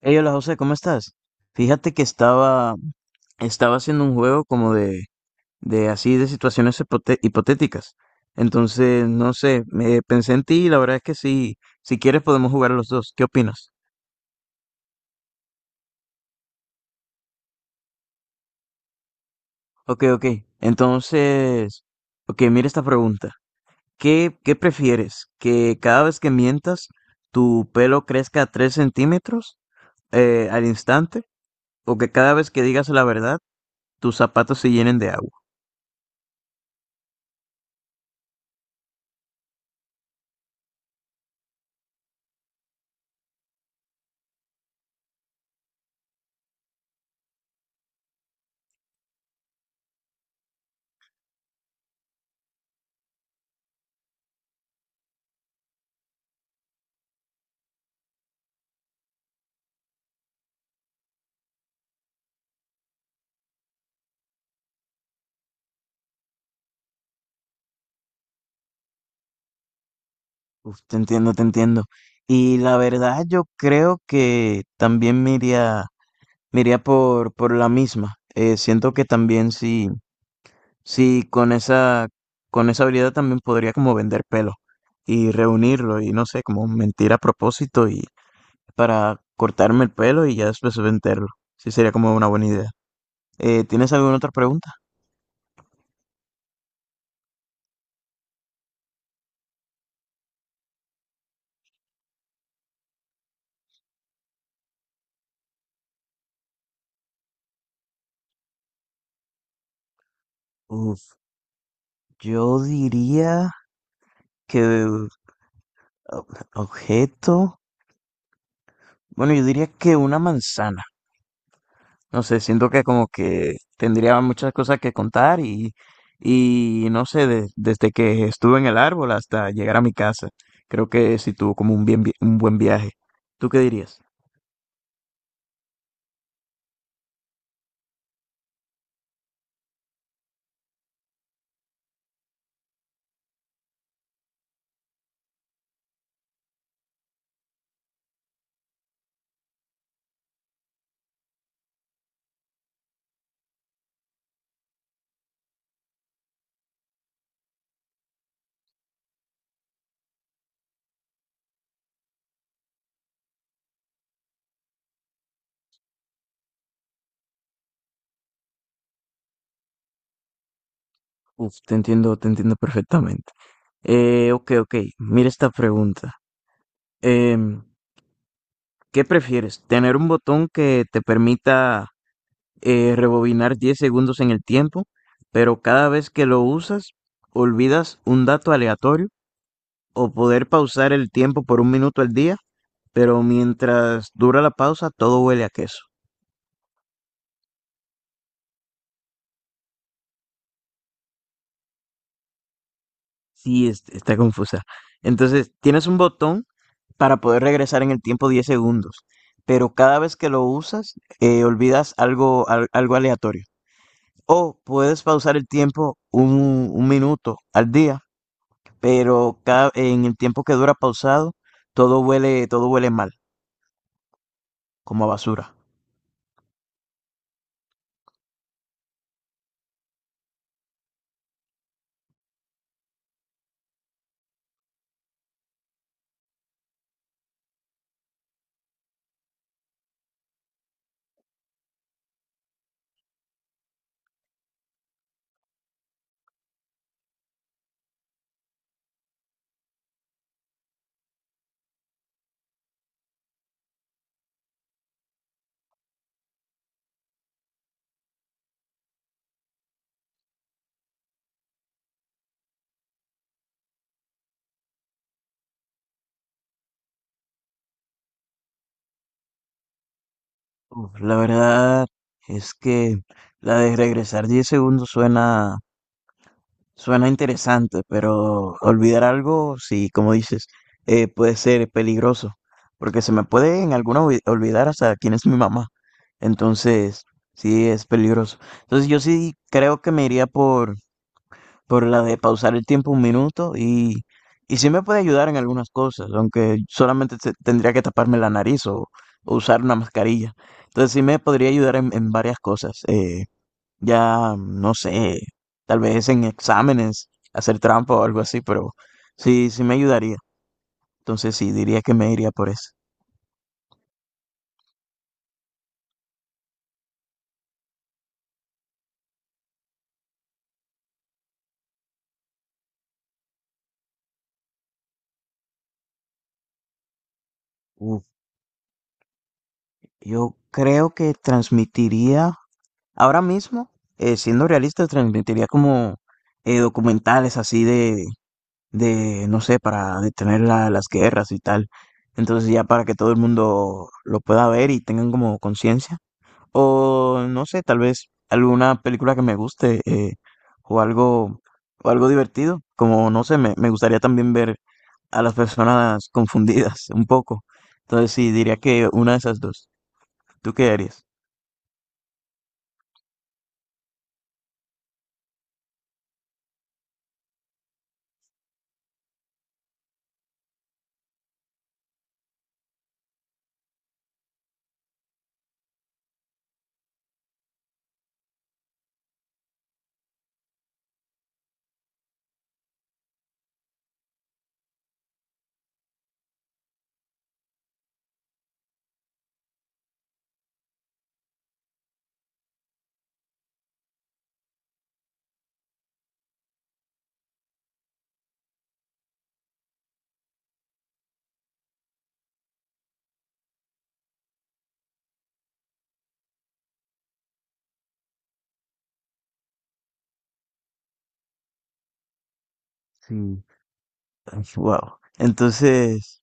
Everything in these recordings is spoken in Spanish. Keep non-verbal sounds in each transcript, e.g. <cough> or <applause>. Hey, hola José, ¿cómo estás? Fíjate que estaba haciendo un juego como de así de situaciones hipotéticas. Entonces, no sé, me pensé en ti y la verdad es que sí, si quieres podemos jugar los dos. ¿Qué opinas? Ok, ok. Entonces, ok, mira esta pregunta. ¿Qué prefieres? ¿Que cada vez que mientas tu pelo crezca 3 centímetros al instante? ¿O que cada vez que digas la verdad tus zapatos se llenen de agua? Uf, te entiendo, te entiendo. Y la verdad, yo creo que también me iría por, la misma. Siento que también sí, sí, con esa habilidad también podría como vender pelo y reunirlo y no sé, como mentir a propósito y para cortarme el pelo y ya después venderlo. Sí, sería como una buena idea. ¿Tienes alguna otra pregunta? Uf, yo diría que objeto, bueno, yo diría que una manzana. No sé, siento que como que tendría muchas cosas que contar y no sé, desde que estuve en el árbol hasta llegar a mi casa, creo que sí tuvo como un buen viaje. ¿Tú qué dirías? Uf, te entiendo perfectamente. Ok, ok, mira esta pregunta. Em, ¿Qué prefieres? ¿Tener un botón que te permita rebobinar 10 segundos en el tiempo, pero cada vez que lo usas, olvidas un dato aleatorio? ¿O poder pausar el tiempo por un minuto al día, pero mientras dura la pausa todo huele a queso? Sí, está confusa. Entonces, tienes un botón para poder regresar en el tiempo 10 segundos, pero cada vez que lo usas, olvidas algo, algo aleatorio. O puedes pausar el tiempo un minuto al día, pero en el tiempo que dura pausado, todo huele mal, como a basura. Uf, la verdad es que la de regresar 10 segundos suena interesante, pero olvidar algo, sí, como dices, puede ser peligroso, porque se me puede en alguna olvidar hasta quién es mi mamá. Entonces, sí, es peligroso. Entonces, yo sí creo que me iría por la de pausar el tiempo un minuto y sí me puede ayudar en algunas cosas, aunque solamente tendría que taparme la nariz o, usar una mascarilla. Entonces sí me podría ayudar en varias cosas. Ya, no sé, tal vez en exámenes, hacer trampa o algo así, pero sí, sí me ayudaría. Entonces sí, diría que me iría por eso. Uf, yo creo que transmitiría ahora mismo, siendo realista, transmitiría como documentales así de, no sé, para detener las guerras y tal. Entonces ya para que todo el mundo lo pueda ver y tengan como conciencia. O no sé, tal vez alguna película que me guste o algo, o algo divertido. Como, no sé, me gustaría también ver a las personas confundidas <laughs> un poco. Entonces sí, diría que una de esas dos. ¿Tú qué harías? Sí. Wow. Entonces.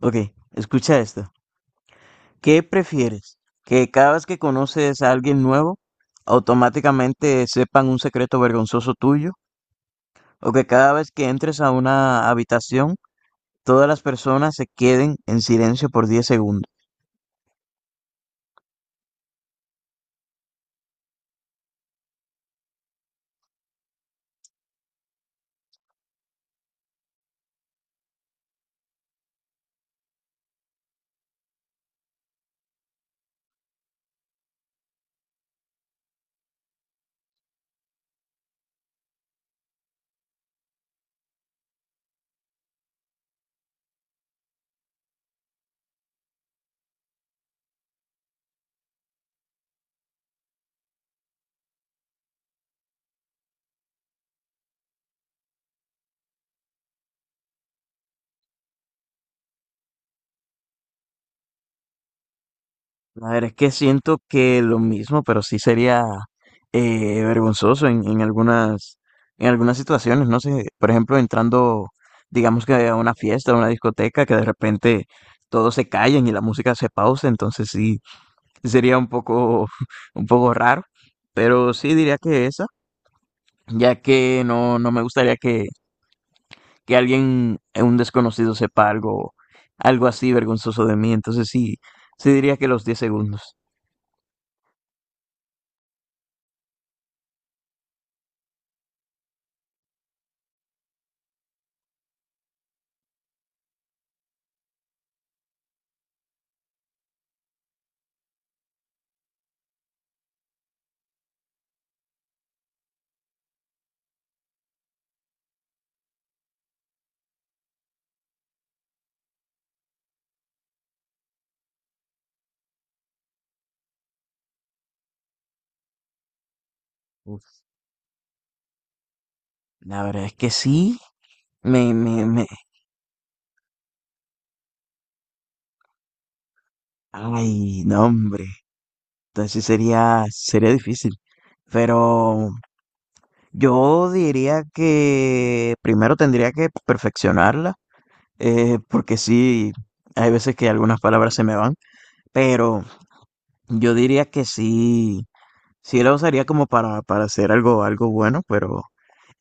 Ok, escucha esto. ¿Qué prefieres? ¿Que cada vez que conoces a alguien nuevo, automáticamente sepan un secreto vergonzoso tuyo? ¿O que cada vez que entres a una habitación, todas las personas se queden en silencio por 10 segundos? A ver, es que siento que lo mismo, pero sí sería vergonzoso en algunas situaciones, no sé, por ejemplo, entrando, digamos que a una fiesta, a una discoteca, que de repente todos se callen y la música se pausa, entonces sí, sería un poco, <laughs> un poco raro, pero sí diría que esa, ya que no, no me gustaría que, alguien, un desconocido, sepa algo así vergonzoso de mí, entonces sí, sí diría que los 10 segundos. Uf, la verdad es que sí, me, me, me, ay, no, hombre, entonces sí sería difícil, pero yo diría que primero tendría que perfeccionarla, porque sí, hay veces que algunas palabras se me van. Pero yo diría que sí, sí lo usaría como para, hacer algo bueno, pero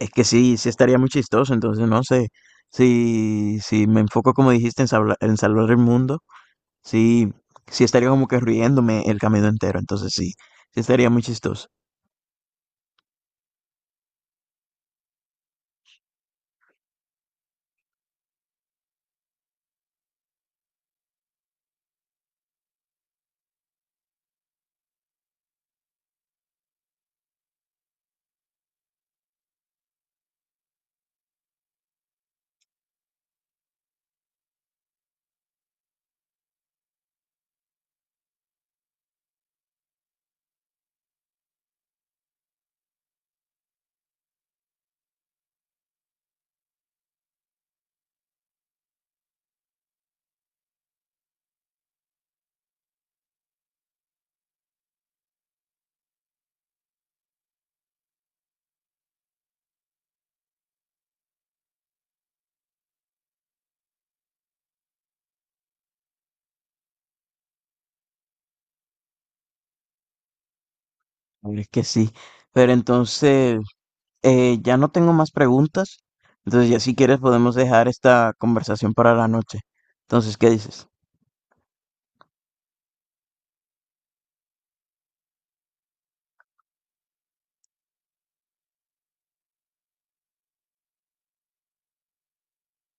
es que sí, sí estaría muy chistoso, entonces no sé, si me enfoco como dijiste en salvar el mundo, sí, sí estaría como que riéndome el camino entero, entonces sí, sí estaría muy chistoso, es que sí, pero entonces ya no tengo más preguntas, entonces ya si quieres podemos dejar esta conversación para la noche, entonces, ¿qué dices?